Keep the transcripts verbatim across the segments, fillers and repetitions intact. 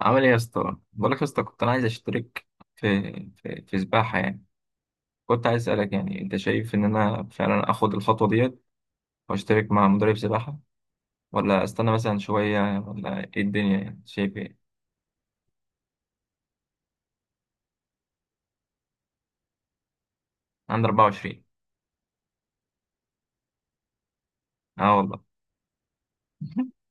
عامل ايه يا اسطى؟ بقول لك يا اسطى، كنت انا عايز اشترك في في في سباحه يعني. كنت عايز اسالك، يعني انت شايف ان انا فعلا اخد الخطوه ديت واشترك مع مدرب سباحه، ولا استنى مثلا شويه، ولا ايه الدنيا؟ يعني شايف ايه؟ عندي اربعة وعشرين. اه والله.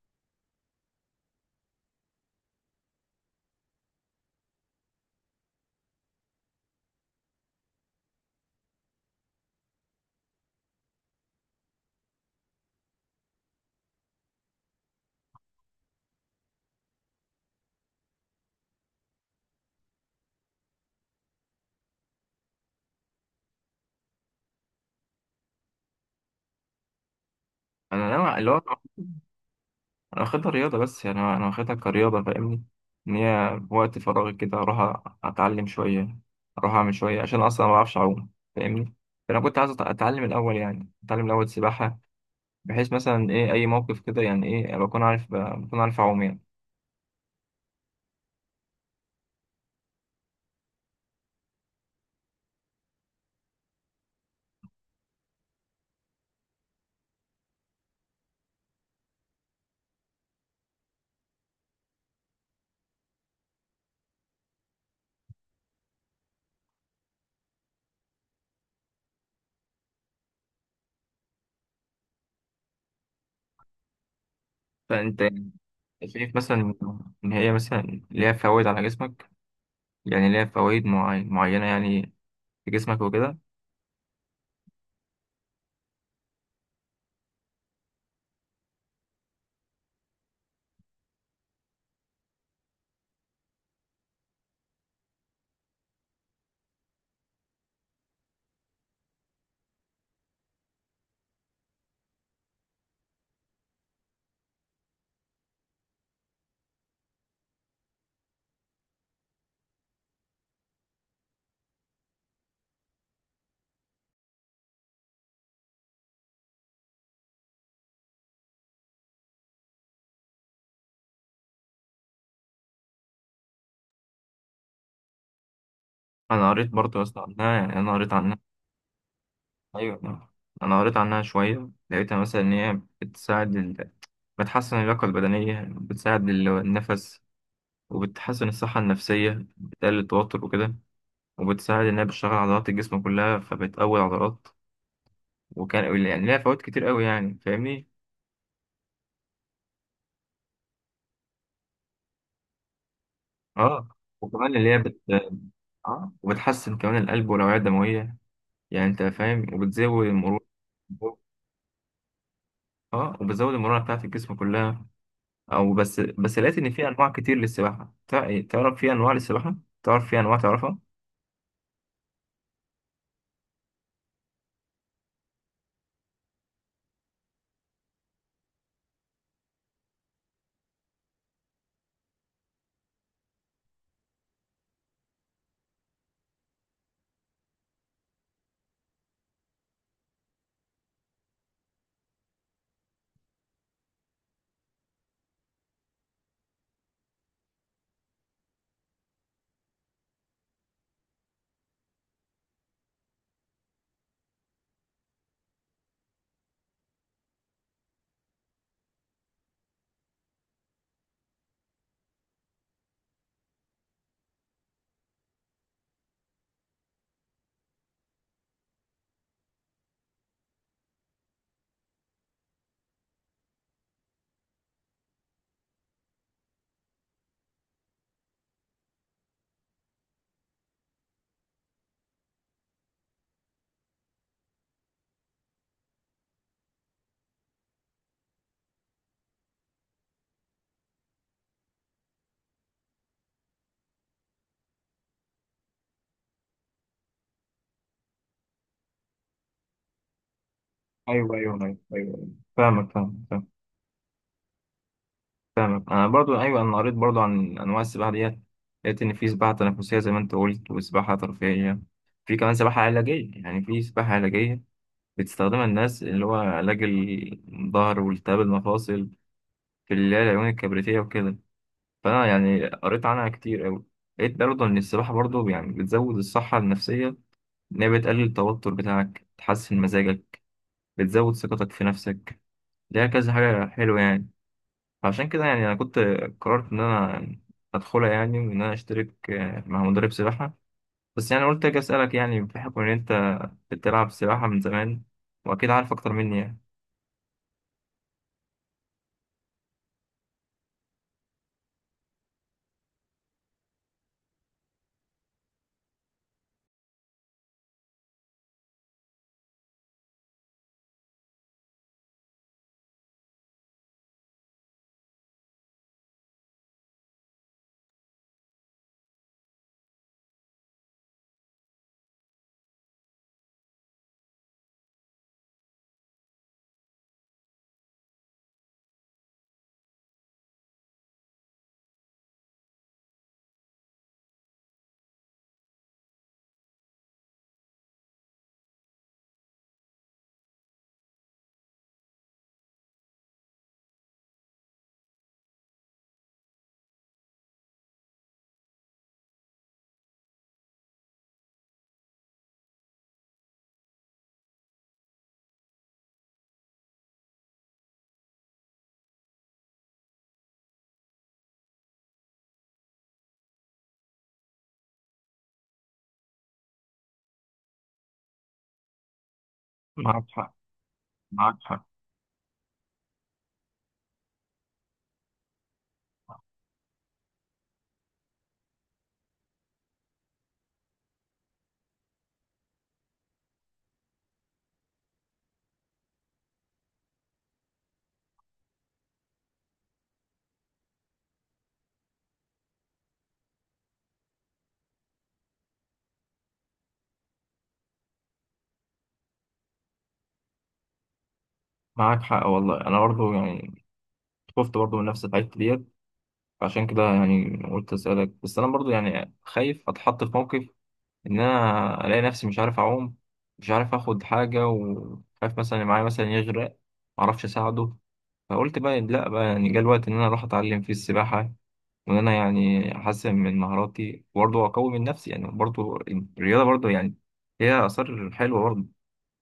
انا نوع اللي هو انا واخدها رياضه، بس يعني انا واخدها كرياضه، فاهمني؟ ان هي في وقت فراغي كده اروح اتعلم شويه، اروح اعمل شويه عشان اصلا ما بعرفش اعوم، فاهمني. فانا كنت عايز أت- اتعلم الاول، يعني اتعلم الاول سباحه، بحيث مثلا ايه اي موقف كده يعني ايه بكون عارف بكون عارف اعوم يعني. فانت شايف مثلا ان هي مثلا ليها فوائد على جسمك، يعني ليها فوائد معي- معينه يعني في جسمك وكده. انا قريت برضه يا اسطى عنها، يعني انا قريت عنها. ايوه، انا أنا قريت عنها شويه، لقيتها مثلا ان هي بتساعد ال... بتحسن اللياقه البدنيه، بتساعد ال- النفس، وبتحسن الصحه النفسيه، بتقلل التوتر وكده، وبتساعد انها بتشغل عضلات الجسم كلها فبتقوي العضلات، وكان يعني ليها فوائد كتير قوي يعني فاهمني. اه وكمان اللي هي بت اه وبتحسن كمان القلب والأوعية الدموية، يعني انت فاهم، وبتزود المرونة. اه وبتزود المرونة بتاعت الجسم كلها. او بس بس لقيت ان في انواع كتير للسباحة. تع- تعرف في انواع للسباحة؟ تعرف في انواع، تعرفها؟ ايوه، ايوه، ايوه، ايوه، أيوة. فاهمك، فاهمك، فاهمك. فاهمك، انا برضو، ايوه، انا قريت برضو عن انواع السباحه ديت. لقيت ان في سباحه تنافسيه زي ما انت قلت، وسباحه ترفيهيه، في كمان سباحه علاجيه، يعني في سباحه علاجيه بتستخدمها الناس اللي هو علاج الظهر والتهاب المفاصل، في اللي هي العيون الكبريتية وكده. فأنا يعني قريت عنها كتير أوي، لقيت برضه إن السباحة برضه يعني بتزود الصحة النفسية، إن هي بتقلل التوتر بتاعك، تحسن مزاجك، بتزود ثقتك في نفسك، ليها كذا حاجة حلوة يعني. فعشان كده يعني أنا كنت قررت إن أنا أدخلها يعني، وإن أنا أشترك آه، مع مدرب سباحة. بس يعني قلت أجي أسألك، يعني بحكم إن أنت بتلعب سباحة من زمان، وأكيد عارف أكتر مني يعني. معك حق، معك حق. معاك حق والله، انا برضو يعني خفت برضو من نفس الحاجات ديت، عشان كده يعني قلت اسالك. بس انا برضو يعني خايف اتحط في موقف ان انا الاقي نفسي مش عارف اعوم، مش عارف اخد حاجه، وخايف مثلا اللي معايا مثلا يغرق، معرفش اساعده. فقلت بقى لا بقى، يعني جه الوقت ان انا اروح اتعلم فيه السباحه، وان انا يعني احسن من مهاراتي وبرضو اقوي من نفسي، يعني برضو الرياضه برضو يعني هي اثار حلوه برضو،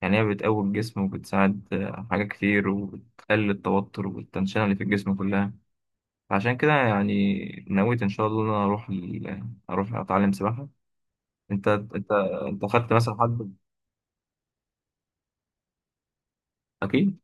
يعني هي بتقوي الجسم وبتساعد آه، حاجات كتير، وبتقلل التوتر والتنشنة اللي في الجسم كلها. عشان كده يعني نويت إن شاء الله إن أنا أروح ال... أروح أتعلم سباحة. أنت أنت أنت خدت مثلا حد؟ أكيد.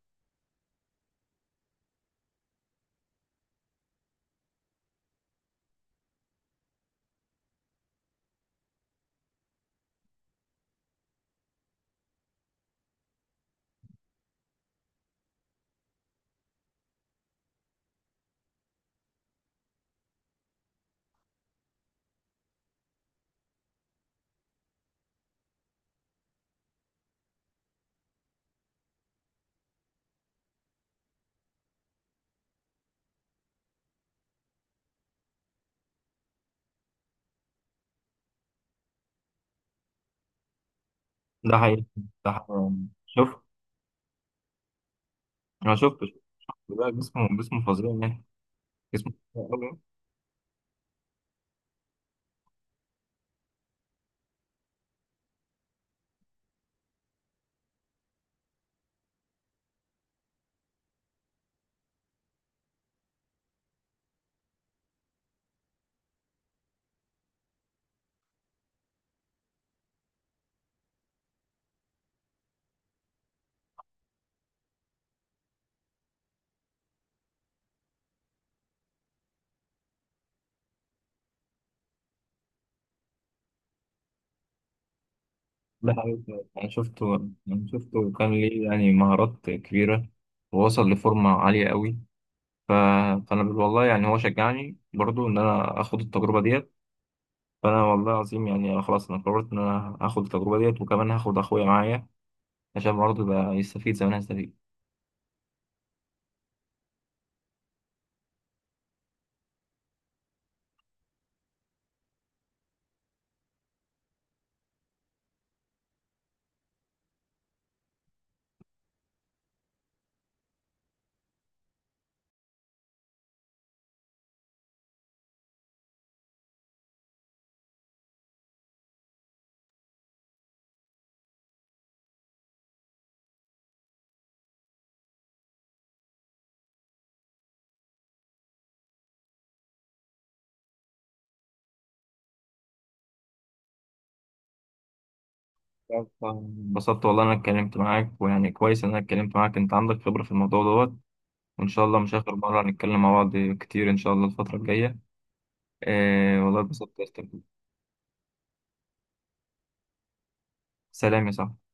ده حقيقي. ده حقيقي. شوف، أنا شفت شفت. لا، جسمه، جسمه فظيع يعني. جسمه فظيع أوي. ده حقيقي، أنا شفته. أنا شفته، وكان ليه يعني مهارات كبيرة، ووصل لفورمة عالية أوي. ف... فأنا بقول والله، يعني هو شجعني برضو إن أنا آخد التجربة ديت. فانا والله العظيم يعني أنا خلاص، انا قررت ان انا هاخد التجربه ديت، وكمان هاخد اخويا معايا عشان برضه يبقى يستفيد زي ما انا هستفيد. انبسطت والله إن انا اتكلمت معاك، ويعني كويس ان انا اتكلمت معاك، انت عندك خبره في الموضوع دوت. وان شاء الله مش اخر مره هنتكلم مع بعض كتير ان شاء الله الفتره الجايه. آه والله اتبسطت يا أستاذ. سلام يا صاحبي.